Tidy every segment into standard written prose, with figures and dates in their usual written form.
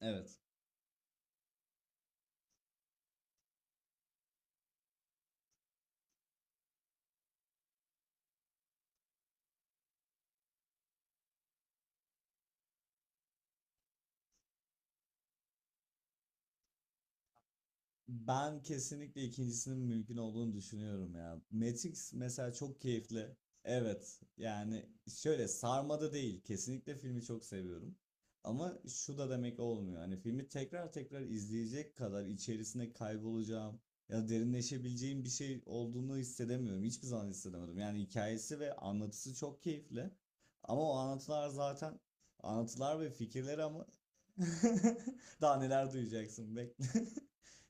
Evet. Ben kesinlikle ikincisinin mümkün olduğunu düşünüyorum ya. Matrix mesela çok keyifli. Evet. Yani şöyle sarmada değil. Kesinlikle filmi çok seviyorum. Ama şu da demek olmuyor. Hani filmi tekrar tekrar izleyecek kadar içerisine kaybolacağım ya da derinleşebileceğim bir şey olduğunu hissedemiyorum. Hiçbir zaman hissedemedim. Yani hikayesi ve anlatısı çok keyifli. Ama o anlatılar zaten anlatılar ve fikirleri ama. Daha neler duyacaksın bekle.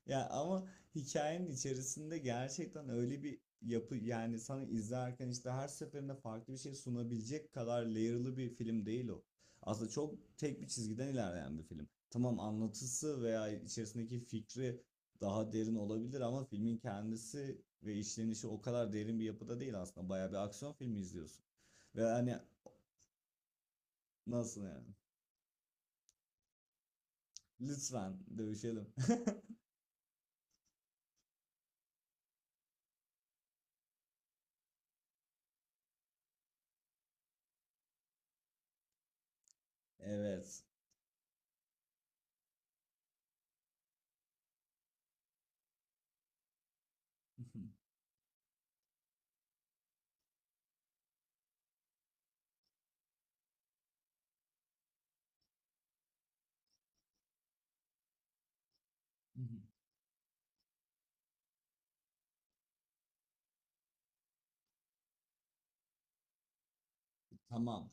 Ya ama hikayenin içerisinde gerçekten öyle bir yapı, yani sana izlerken işte her seferinde farklı bir şey sunabilecek kadar layer'lı bir film değil o. Aslında çok tek bir çizgiden ilerleyen bir film. Tamam, anlatısı veya içerisindeki fikri daha derin olabilir ama filmin kendisi ve işlenişi o kadar derin bir yapıda değil aslında. Bayağı bir aksiyon filmi izliyorsun. Ve hani nasıl yani? Lütfen dövüşelim. Evet. Tamam.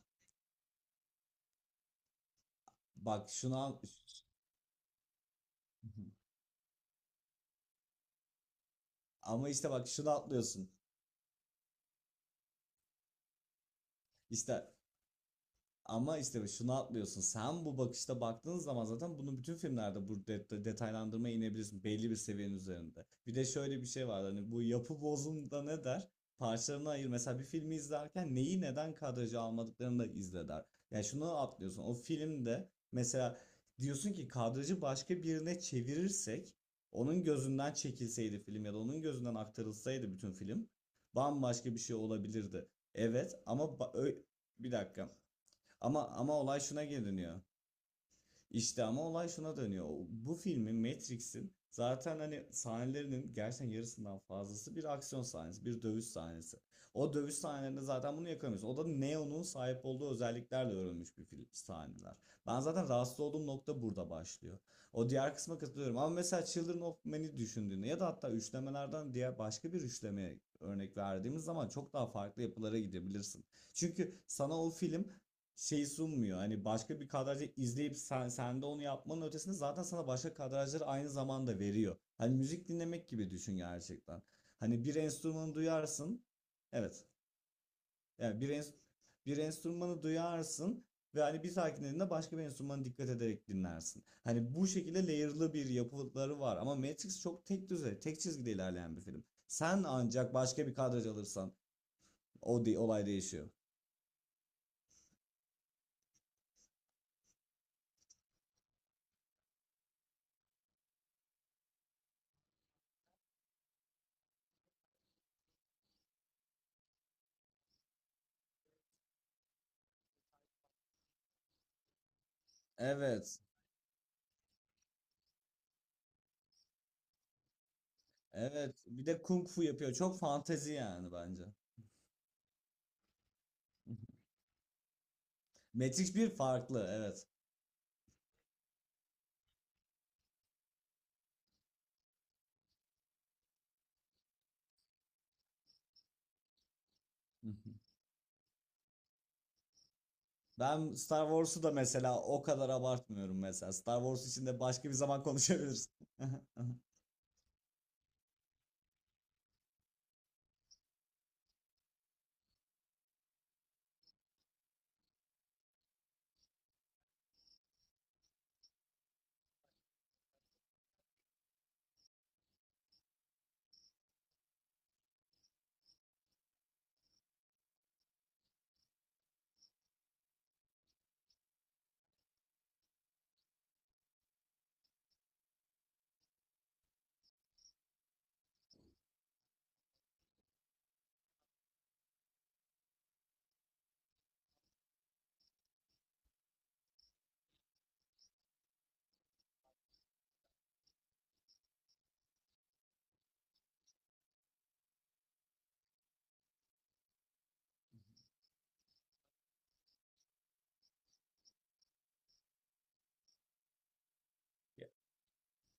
Bak şunu al. Ama işte bak şunu atlıyorsun. İşte ama işte şunu atlıyorsun. Sen bu bakışta baktığın zaman zaten bunu bütün filmlerde bu detaylandırmaya inebilirsin belli bir seviyenin üzerinde. Bir de şöyle bir şey var, hani bu yapı bozumda ne der? Parçalarına ayır. Mesela bir filmi izlerken neyi neden kadraja almadıklarını da izle der. Yani şunu atlıyorsun. O filmde mesela diyorsun ki kadrajı başka birine çevirirsek onun gözünden çekilseydi film ya da onun gözünden aktarılsaydı bütün film bambaşka bir şey olabilirdi. Evet ama bir dakika. Ama olay şuna geri dönüyor. İşte ama olay şuna dönüyor. O- bu filmin, Matrix'in zaten hani sahnelerinin gerçekten yarısından fazlası bir aksiyon sahnesi, bir dövüş sahnesi. O dövüş sahnelerinde zaten bunu yakamıyoruz. O da Neo'nun sahip olduğu özelliklerle örülmüş bir film sahneler. Ben zaten rahatsız olduğum nokta burada başlıyor. O diğer kısma katılıyorum ama mesela Children of Men'i düşündüğünde ya da hatta üçlemelerden diğer başka bir üçlemeye örnek verdiğimiz zaman çok daha farklı yapılara gidebilirsin. Çünkü sana o film şey sunmuyor. Hani başka bir kadrajı izleyip sen de onu yapmanın ötesinde zaten sana başka kadrajları aynı zamanda veriyor. Hani müzik dinlemek gibi düşün gerçekten. Hani bir enstrümanı duyarsın. Evet. Yani bir enstrümanı duyarsın ve hani bir sakinliğinde başka bir enstrümana dikkat ederek dinlersin. Hani bu şekilde layer'lı bir yapıları var ama Matrix çok tek düze, tek çizgide ilerleyen bir film. Sen ancak başka bir kadraj alırsan olay değişiyor. Evet. Evet. Bir de kung fu yapıyor. Çok fantezi yani bence. Matrix bir farklı. Evet. Ben Star Wars'u da mesela o kadar abartmıyorum mesela. Star Wars için de başka bir zaman konuşabiliriz.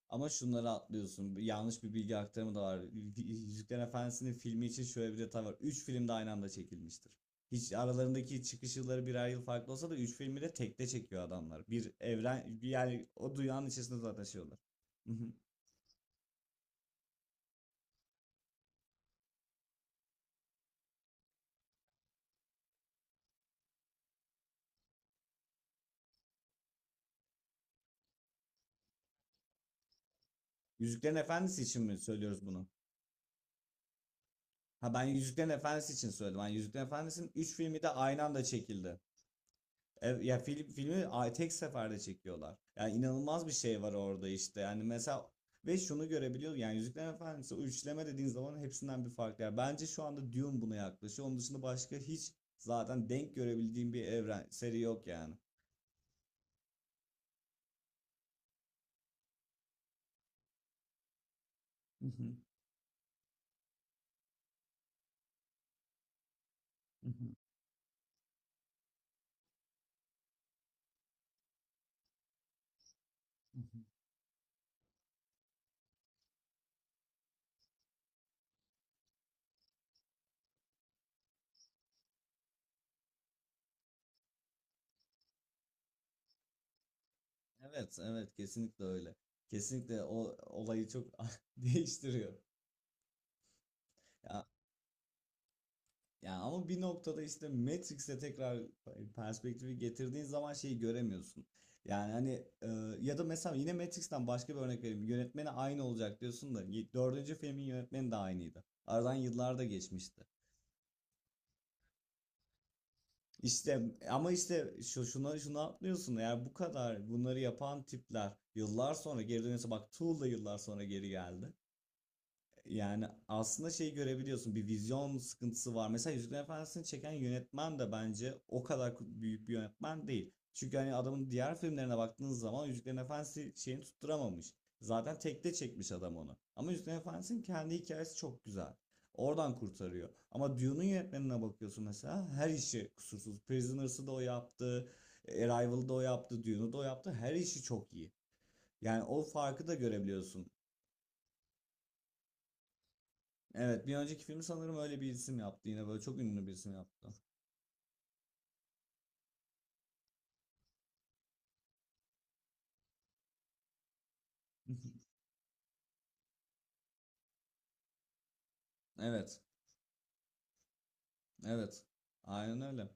Ama şunları atlıyorsun. Yanlış bir bilgi aktarımı da var. Yüzüklerin Efendisi'nin filmi için şöyle bir detay var. 3 film de aynı anda çekilmiştir. Hiç, aralarındaki çıkış yılları birer yıl farklı olsa da 3 filmi de tekte çekiyor adamlar. Bir evren yani o dünyanın içerisinde zaten şey olur. Yüzüklerin Efendisi için mi söylüyoruz bunu? Ha, ben Yüzüklerin Efendisi için söyledim. Yani Yüzüklerin Efendisi'nin 3 filmi de aynı anda çekildi. E, ya tek seferde çekiyorlar. Yani inanılmaz bir şey var orada işte. Yani mesela ve şunu görebiliyoruz. Yani Yüzüklerin Efendisi, o üçleme dediğin zaman hepsinden bir farklı. Yani bence şu anda Dune buna yaklaşıyor. Onun dışında başka hiç zaten denk görebildiğim bir evren seri yok yani. Hı hı, hı hı, hı hı. Evet, evet kesinlikle öyle. Kesinlikle o olayı çok değiştiriyor. Ya ama bir noktada işte Matrix'e tekrar perspektifi getirdiğin zaman şeyi göremiyorsun. Yani hani, e, ya da mesela yine Matrix'ten başka bir örnek vereyim. Yönetmeni aynı olacak diyorsun da y- dördüncü filmin yönetmeni de aynıydı. Aradan yıllar da geçmişti. İşte ama işte şu şuna şunu atlıyorsun. Eğer bu kadar bunları yapan tipler yıllar sonra geri dönüyorsa, bak Tool da yıllar sonra geri geldi. Yani aslında şeyi görebiliyorsun, bir vizyon sıkıntısı var. Mesela Yüzüklerin Efendisi'ni çeken yönetmen de bence o kadar büyük bir yönetmen değil. Çünkü hani adamın diğer filmlerine baktığınız zaman Yüzüklerin Efendisi şeyini tutturamamış. Zaten tekte çekmiş adam onu. Ama Yüzüklerin Efendisi'nin kendi hikayesi çok güzel. Oradan kurtarıyor. Ama Dune'un yönetmenine bakıyorsun mesela, her işi kusursuz. Prisoners'ı da o yaptı. Arrival'ı da o yaptı. Dune'u da o yaptı. Her işi çok iyi. Yani o farkı da görebiliyorsun. Evet, bir önceki filmi sanırım öyle bir isim yaptı. Yine böyle çok ünlü bir isim yaptı. Evet, evet. Aynen öyle.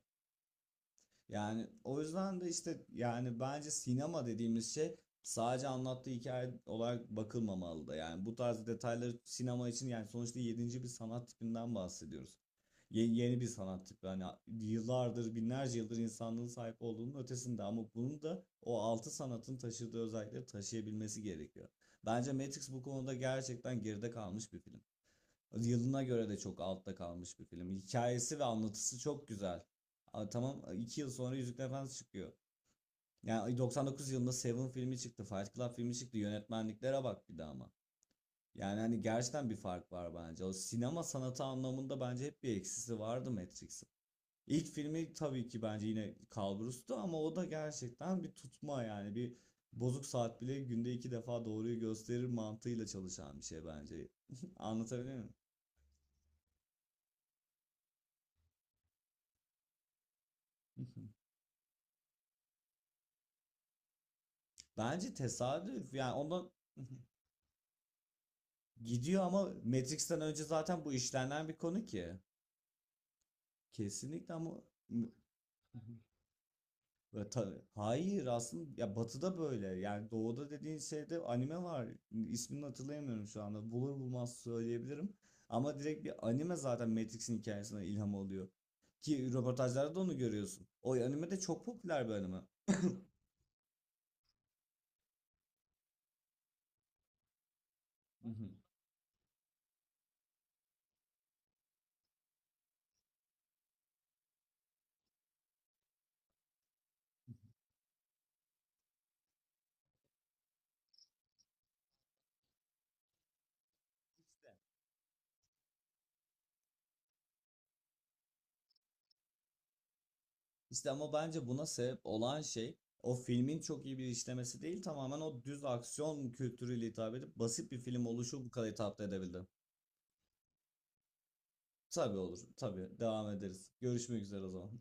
Yani o yüzden de işte, yani bence sinema dediğimiz şey sadece anlattığı hikaye olarak bakılmamalı da. Yani bu tarz detayları sinema için, yani sonuçta yedinci bir sanat tipinden bahsediyoruz. Yeni bir sanat tipi. Hani yıllardır, binlerce yıldır insanlığın sahip olduğunun ötesinde ama bunu da o altı sanatın taşıdığı özellikleri taşıyabilmesi gerekiyor. Bence Matrix bu konuda gerçekten geride kalmış bir film. Yılına göre de çok altta kalmış bir film. Hikayesi ve anlatısı çok güzel. A, tamam, 2 yıl sonra Yüzükler Efendisi çıkıyor. Yani 99 yılında Seven filmi çıktı, Fight Club filmi çıktı. Yönetmenliklere bak bir de ama. Yani hani gerçekten bir fark var bence. O sinema sanatı anlamında bence hep bir eksisi vardı Matrix'in. İlk filmi tabii ki bence yine kalburustu ama o da gerçekten bir tutma, yani bir bozuk saat bile günde 2 defa doğruyu gösterir mantığıyla çalışan bir şey bence. Anlatabiliyor muyum? Bence tesadüf. Yani ondan gidiyor ama Matrix'ten önce zaten bu işlenen bir konu ki. Kesinlikle ama. Ve hayır, aslında ya batıda böyle. Yani doğuda dediğin şeyde anime var. İsmini hatırlayamıyorum şu anda. Bulur bulmaz söyleyebilirim. Ama direkt bir anime zaten Matrix'in hikayesine ilham oluyor. Ki röportajlarda da onu görüyorsun. O anime de çok popüler bir anime. İşte ama bence buna sebep olan şey o filmin çok iyi bir işlemesi değil, tamamen o düz aksiyon kültürüyle hitap edip basit bir film oluşu bu kadar hitap edebildi. Tabii olur. Tabii devam ederiz. Görüşmek üzere o zaman.